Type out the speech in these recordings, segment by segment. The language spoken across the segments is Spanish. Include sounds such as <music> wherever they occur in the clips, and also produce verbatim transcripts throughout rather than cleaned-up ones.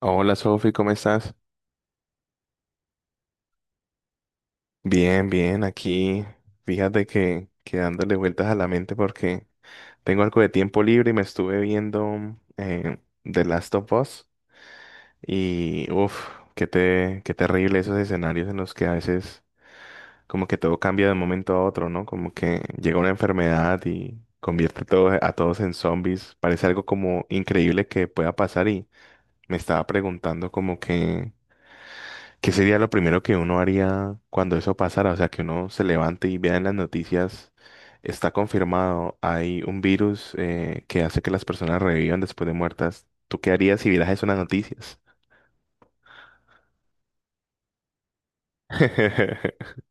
Hola Sofi, ¿cómo estás? Bien, bien, aquí fíjate que, que dándole vueltas a la mente porque tengo algo de tiempo libre y me estuve viendo eh, The Last of Us y uff, qué te, qué terrible esos escenarios en los que a veces como que todo cambia de un momento a otro, ¿no? Como que llega una enfermedad y convierte todo, a todos en zombies. Parece algo como increíble que pueda pasar y me estaba preguntando como que... ¿Qué sería lo primero que uno haría cuando eso pasara? O sea, que uno se levante y vea en las noticias, está confirmado, hay un virus eh, que hace que las personas revivan después de muertas. ¿Tú qué harías si vieras eso en las noticias? <laughs>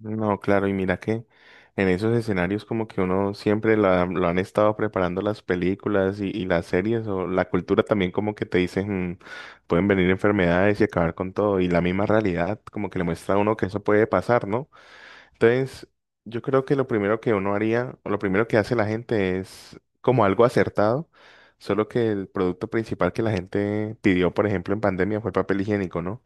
No, claro, y mira que en esos escenarios como que uno siempre lo, lo han estado preparando las películas y, y las series o la cultura también como que te dicen "Mm, pueden venir enfermedades y acabar con todo y la misma realidad como que le muestra a uno que eso puede pasar, ¿no? Entonces, yo creo que lo primero que uno haría, o lo primero que hace la gente es como algo acertado, solo que el producto principal que la gente pidió, por ejemplo, en pandemia fue el papel higiénico, ¿no?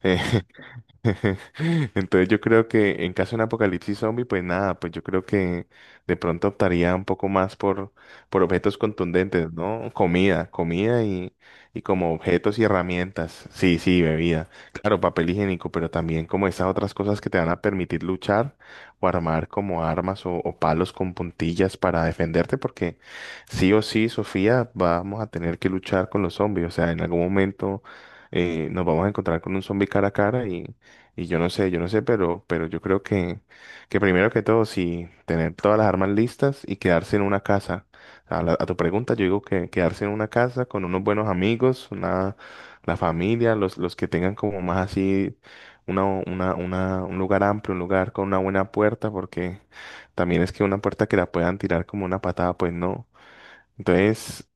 <laughs> <laughs> Entonces yo creo que en caso de un apocalipsis zombie, pues nada, pues yo creo que de pronto optaría un poco más por, por objetos contundentes, ¿no? Comida, comida y, y como objetos y herramientas. Sí, sí, bebida. Claro, papel higiénico, pero también como esas otras cosas que te van a permitir luchar o armar como armas o, o palos con puntillas para defenderte, porque sí o sí, Sofía, vamos a tener que luchar con los zombies. O sea, en algún momento eh, nos vamos a encontrar con un zombie cara a cara y yo no sé, yo no sé, pero, pero yo creo que, que primero que todo, sí, tener todas las armas listas y quedarse en una casa. A, la- a tu pregunta, yo digo que quedarse en una casa con unos buenos amigos, una, la familia, los, los que tengan como más así una, una, una, un lugar amplio, un lugar con una buena puerta, porque también es que una puerta que la puedan tirar como una patada, pues no. Entonces,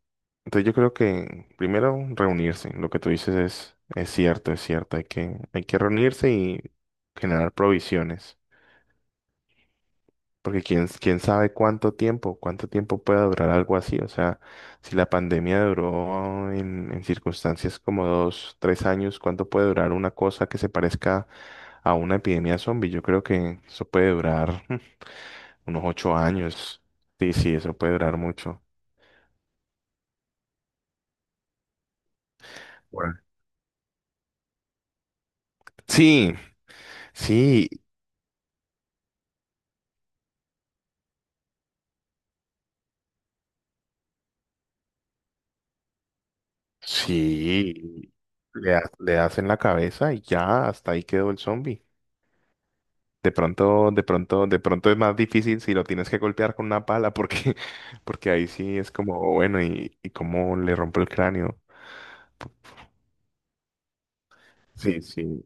entonces yo creo que primero reunirse, lo que tú dices es, es cierto, es cierto, hay que, hay que reunirse y generar provisiones, porque quién, quién sabe cuánto tiempo, cuánto tiempo pueda durar algo así, o sea, si la pandemia duró en, en circunstancias como dos, tres años, ¿cuánto puede durar una cosa que se parezca a una epidemia zombie? Yo creo que eso puede durar <laughs> unos ocho años, sí, sí, eso puede durar mucho. Bueno. Sí, sí, Sí, le, ha- le hacen la cabeza y ya, hasta ahí quedó el zombie. De pronto, de pronto, de pronto es más difícil si lo tienes que golpear con una pala, porque, <laughs> porque ahí sí es como, bueno, y, y cómo le rompo el cráneo. Sí, sí.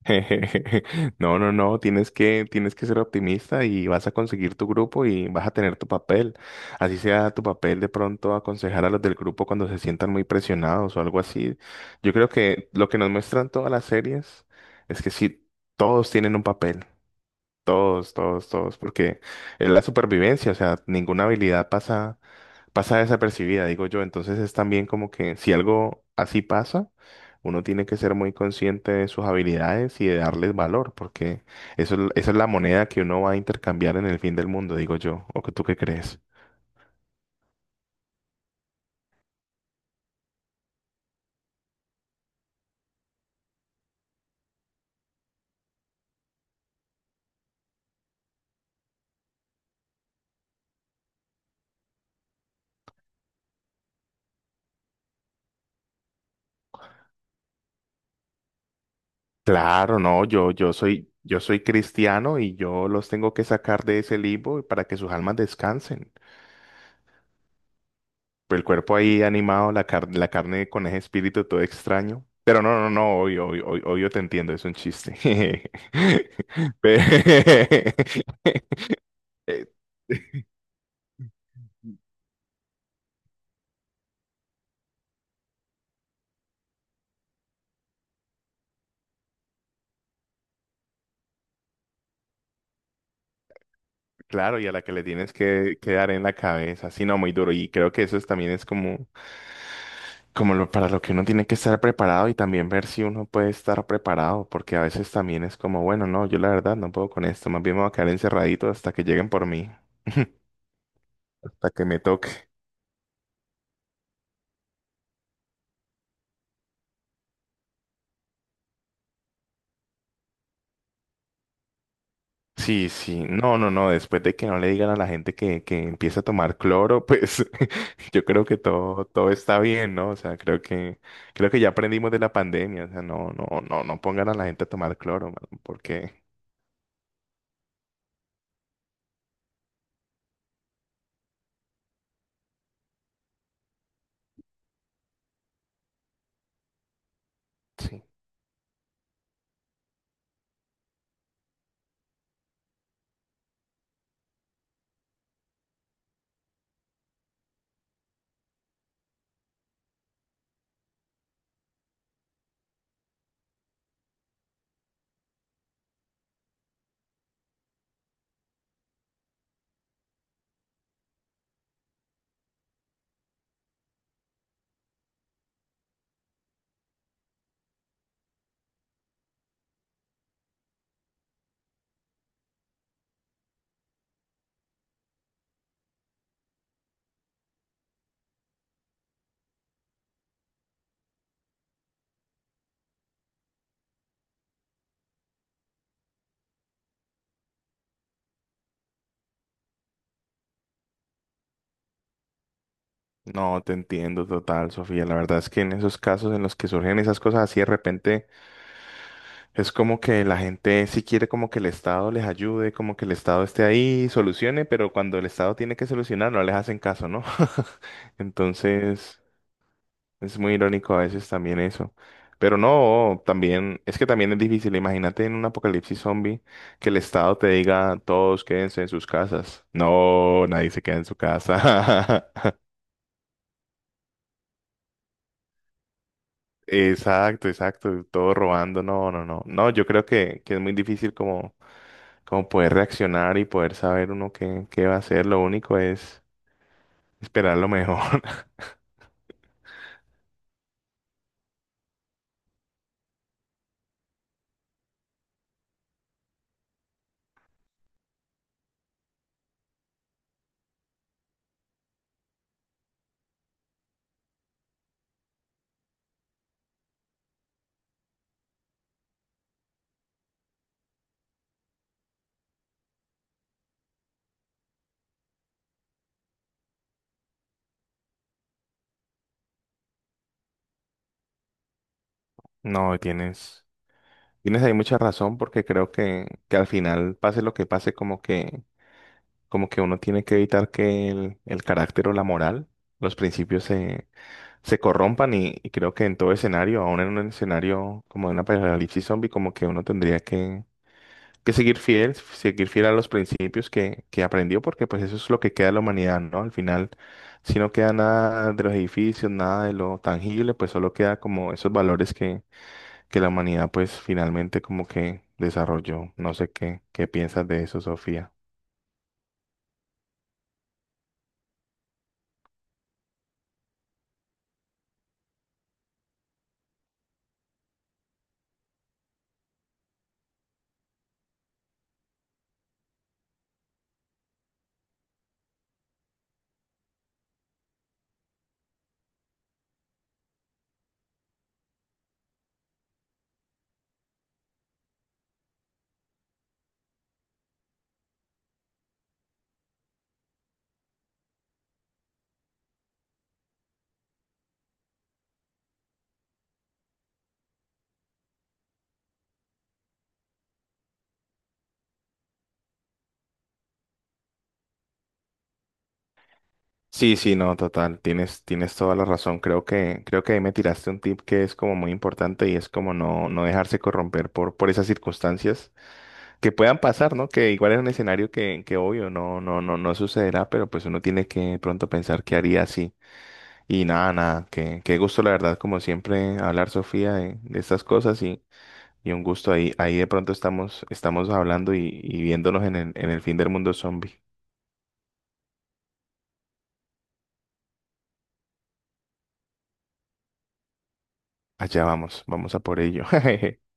<laughs> No, no, no, tienes que, tienes que ser optimista y vas a conseguir tu grupo y vas a tener tu papel. Así sea tu papel de pronto aconsejar a los del grupo cuando se sientan muy presionados o algo así. Yo creo que lo que nos muestran todas las series es que sí, todos tienen un papel. Todos, todos, todos, porque es la supervivencia, o sea, ninguna habilidad pasa, pasa desapercibida, digo yo. Entonces es también como que si algo así pasa, uno tiene que ser muy consciente de sus habilidades y de darles valor, porque eso, es- esa es la moneda que uno va a intercambiar en el fin del mundo, digo yo. ¿O que tú qué crees? Claro, no, yo, yo soy, yo soy cristiano y yo los tengo que sacar de ese limbo para que sus almas descansen. El cuerpo ahí animado, la car- la carne con ese espíritu todo extraño. Pero no, no, no, obvio, obvio, obvio, obvio te entiendo, es un chiste. <laughs> Pe- <laughs> Eh, Claro, y a la que le tienes que, que dar en la cabeza, sí, no, muy duro. Y creo que eso es- también es como, como lo, para lo que uno tiene que estar preparado y también ver si uno puede estar preparado, porque a veces también es como, bueno, no, yo la verdad no puedo con esto, más bien me voy a quedar encerradito hasta que lleguen por mí, hasta que me toque. Sí, sí, no, no, no, después de que no le digan a la gente que, que empieza a tomar cloro, pues <laughs> yo creo que todo, todo está bien, ¿no? O sea, creo que, creo que ya aprendimos de la pandemia, o sea, no, no, no, no pongan a la gente a tomar cloro, mano, porque sí, no, te entiendo total, Sofía, la verdad es que en esos casos en los que surgen esas cosas así de repente, es como que la gente sí quiere como que el Estado les ayude, como que el Estado esté ahí y solucione, pero cuando el Estado tiene que solucionar no les hacen caso, ¿no? <laughs> Entonces... Es muy irónico a veces también eso. Pero no, también, es que también es difícil. Imagínate en un apocalipsis zombie que el Estado te diga todos quédense en sus casas. No, nadie se queda en su casa. <laughs> Exacto, exacto. Todo robando. No, no, no. No, yo creo que, que es muy difícil como, como poder reaccionar y poder saber uno qué, qué va a hacer. Lo único es esperar lo mejor. <laughs> No, tienes, tienes ahí mucha razón porque creo que, que al final, pase lo que pase, como que como que uno tiene que evitar que el, el carácter o la moral, los principios se, se corrompan y, y creo que en todo escenario, aún en un escenario como de una apocalipsis zombie, como que uno tendría que, que seguir fiel, seguir fiel a los principios que, que aprendió, porque pues eso es lo que queda de la humanidad, ¿no? Al final, si no queda nada de los edificios, nada de lo tangible, pues solo queda como esos valores que, que la humanidad pues finalmente como que desarrolló. No sé qué, qué piensas de eso, Sofía. Sí, sí, no, total, tienes, tienes toda la razón. Creo que, creo que ahí me tiraste un tip que es como muy importante y es como no, no dejarse corromper por, por esas circunstancias que puedan pasar, ¿no? Que igual es un escenario que, que obvio no, no, no, no sucederá, pero pues uno tiene que de pronto pensar qué haría así. Y nada, nada, que, qué gusto, la verdad, como siempre, hablar, Sofía, de, de estas cosas y, y un gusto ahí, ahí de pronto estamos, estamos hablando y, y viéndonos en el, en el fin del mundo zombie. Allá vamos, vamos a por ello. <laughs>